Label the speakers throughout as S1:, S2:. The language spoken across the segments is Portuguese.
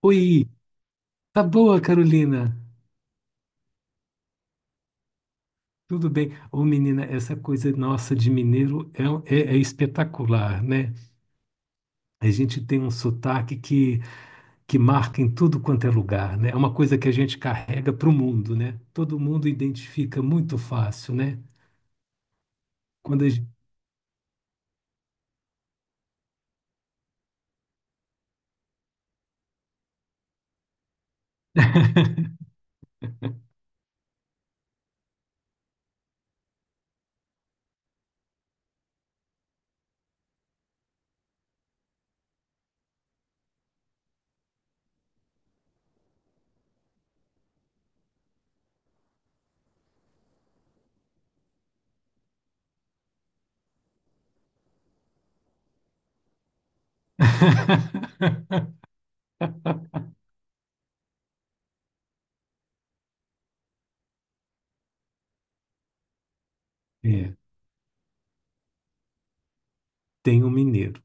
S1: Oi, tá boa, Carolina? Tudo bem? Ô, menina, essa coisa nossa de mineiro é espetacular, né? A gente tem um sotaque que marca em tudo quanto é lugar, né? É uma coisa que a gente carrega para o mundo, né? Todo mundo identifica muito fácil, né? Quando a gente... É, tem um mineiro.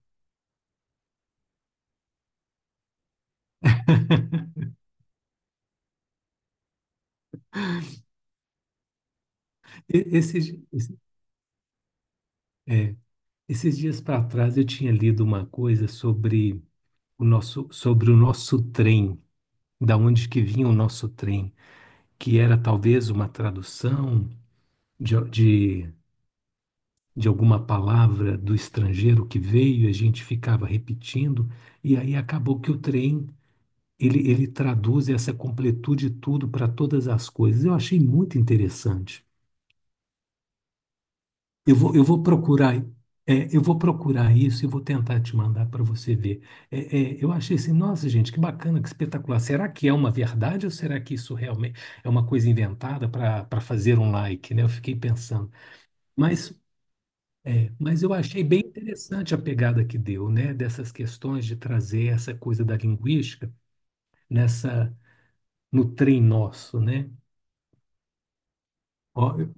S1: E- Esses, esse- é, esses dias para trás eu tinha lido uma coisa sobre o nosso trem. Da onde que vinha o nosso trem, que era talvez uma tradução de, de, de alguma palavra do estrangeiro que veio, a gente ficava repetindo, e aí acabou que o trem, ele traduz essa completude tudo para todas as coisas. Eu achei muito interessante. Eu vou procurar, eu vou procurar isso e vou tentar te mandar para você ver. Eu achei assim, nossa, gente, que bacana, que espetacular. Será que é uma verdade ou será que isso realmente é uma coisa inventada para fazer um like, né? Eu fiquei pensando. Mas, mas eu achei bem interessante a pegada que deu, né? Dessas questões de trazer essa coisa da linguística nessa no trem nosso, né? Ó, eu-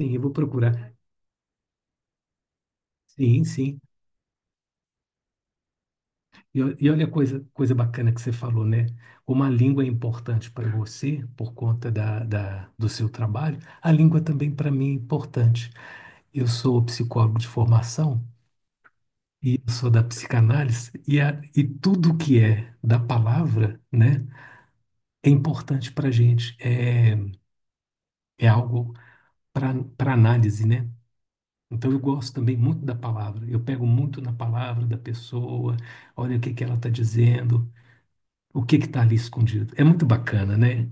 S1: sim, eu vou procurar. Sim, sim. E olha a coisa bacana que você falou, né? Como a língua é importante para você, por conta do seu trabalho, a língua também para mim é importante. Eu sou psicólogo de formação e eu sou da psicanálise, e tudo que é da palavra, né, é importante para a gente, é algo para análise, né? Então eu gosto também muito da palavra, eu pego muito na palavra da pessoa, olha o que que ela está dizendo o que está ali escondido. É muito bacana, né?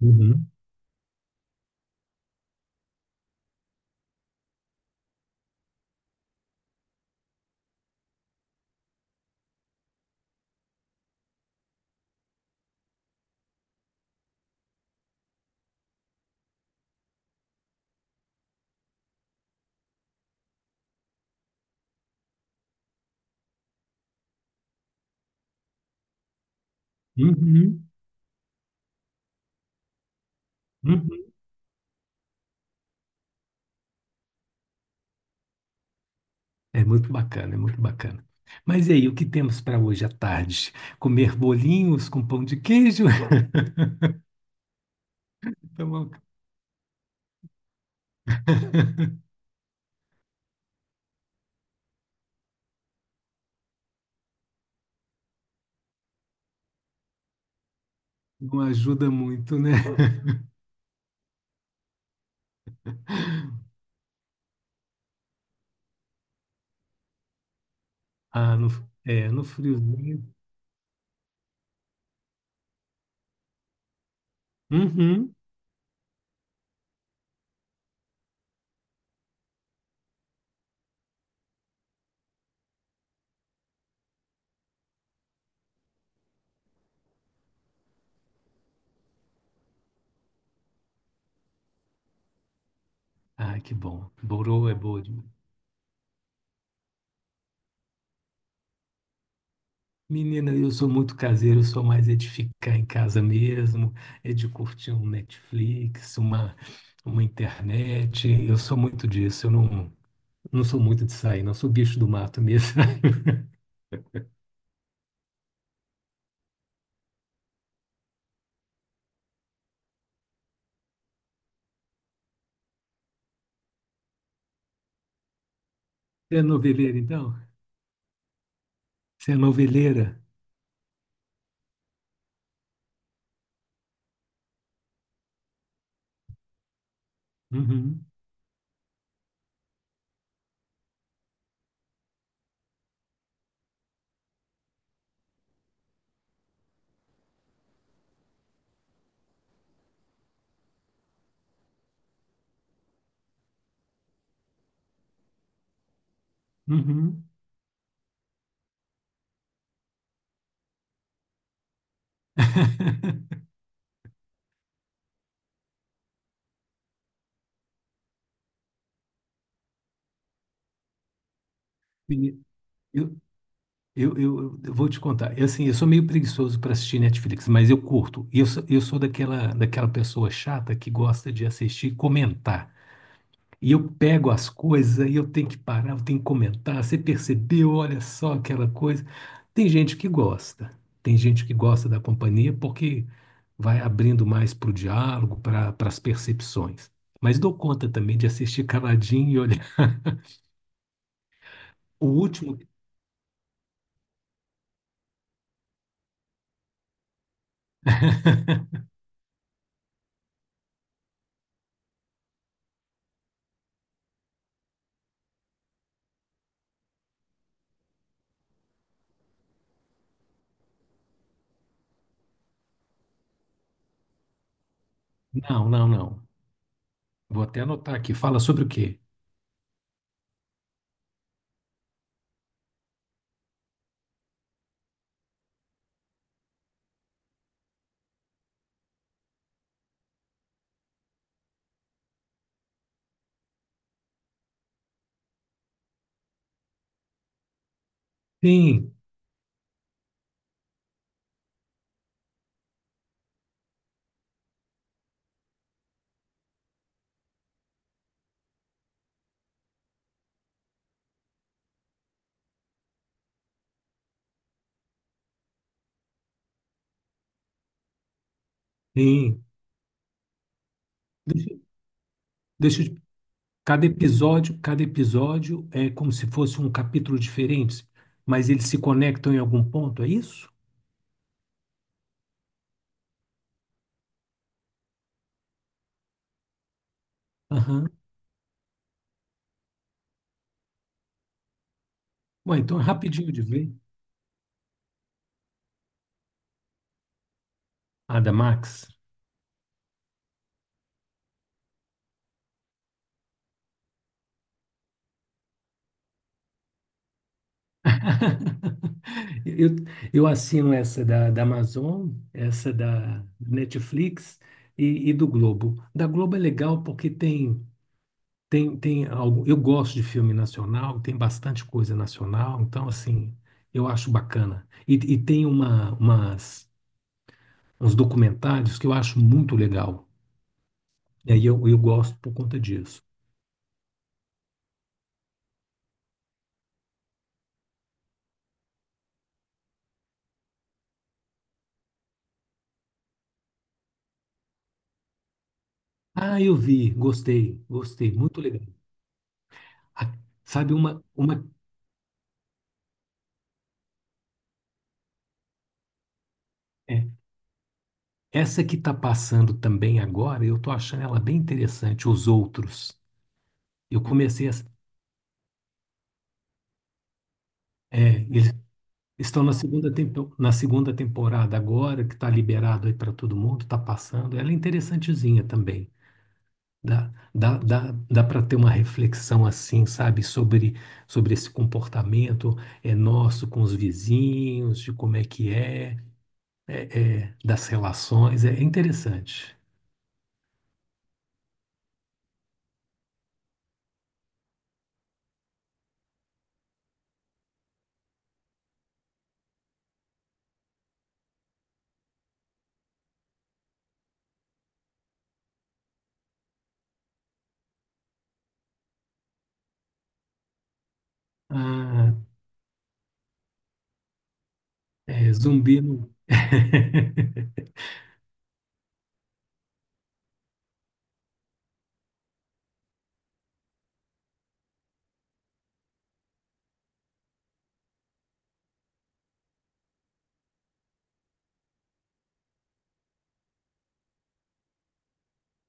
S1: Uhum, uhum, uhum. É muito bacana, é muito bacana. Mas e aí, o que temos para hoje à tarde? Comer bolinhos com pão de queijo? Então, não ajuda muito, né? Ah, no, é, no friozinho. Uhum. Ah, que bom. Borô é boa demais. Menina, eu sou muito caseiro, eu sou mais é de ficar em casa mesmo, é de curtir um Netflix, uma internet. Eu sou muito disso, eu não, não sou muito de sair, não sou bicho do mato mesmo. Você é noveleira, então? Você é noveleira? Uhum, uhum. Menina, Eu, eu vou te contar. Eu, assim, eu sou meio preguiçoso para assistir Netflix, mas eu curto. E eu sou daquela pessoa chata que gosta de assistir e comentar. E eu pego as coisas, aí eu tenho que parar, eu tenho que comentar. Você percebeu? Olha só aquela coisa. Tem gente que gosta, tem gente que gosta da companhia porque vai abrindo mais para o diálogo, para as percepções. Mas dou conta também de assistir caladinho e olhar. O último. Não, não, não. Vou até anotar aqui. Fala sobre o quê? Sim, sim. Deixa, deixa eu te- cada episódio é como se fosse um capítulo diferente, mas eles se conectam em algum ponto, é isso? Aham. Bom, então é rapidinho de ver. A da Max. Eu, eu assino essa da Amazon, essa da Netflix e do Globo. Da Globo é legal porque tem algo. Eu gosto de filme nacional, tem bastante coisa nacional, então, assim, eu acho bacana. E tem uns documentários que eu acho muito legal. E aí eu gosto por conta disso. Ah, eu vi, gostei, gostei, muito legal. A- Sabe, uma é, essa que está passando também agora, eu estou achando ela bem interessante, Os Outros. Eu comecei a, é, eles estão na na segunda temporada agora, que está liberado aí para todo mundo, está passando. Ela é interessantezinha também. Dá para ter uma reflexão assim, sabe, sobre esse comportamento é nosso com os vizinhos, de como é que é, das relações. É interessante. Ah, é, zumbi não.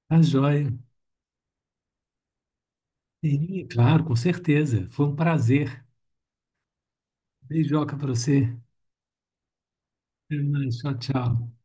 S1: Tá joia. Sim, claro, com certeza. Foi um prazer. Beijoca pra você. Até mais. Tchau, tchau.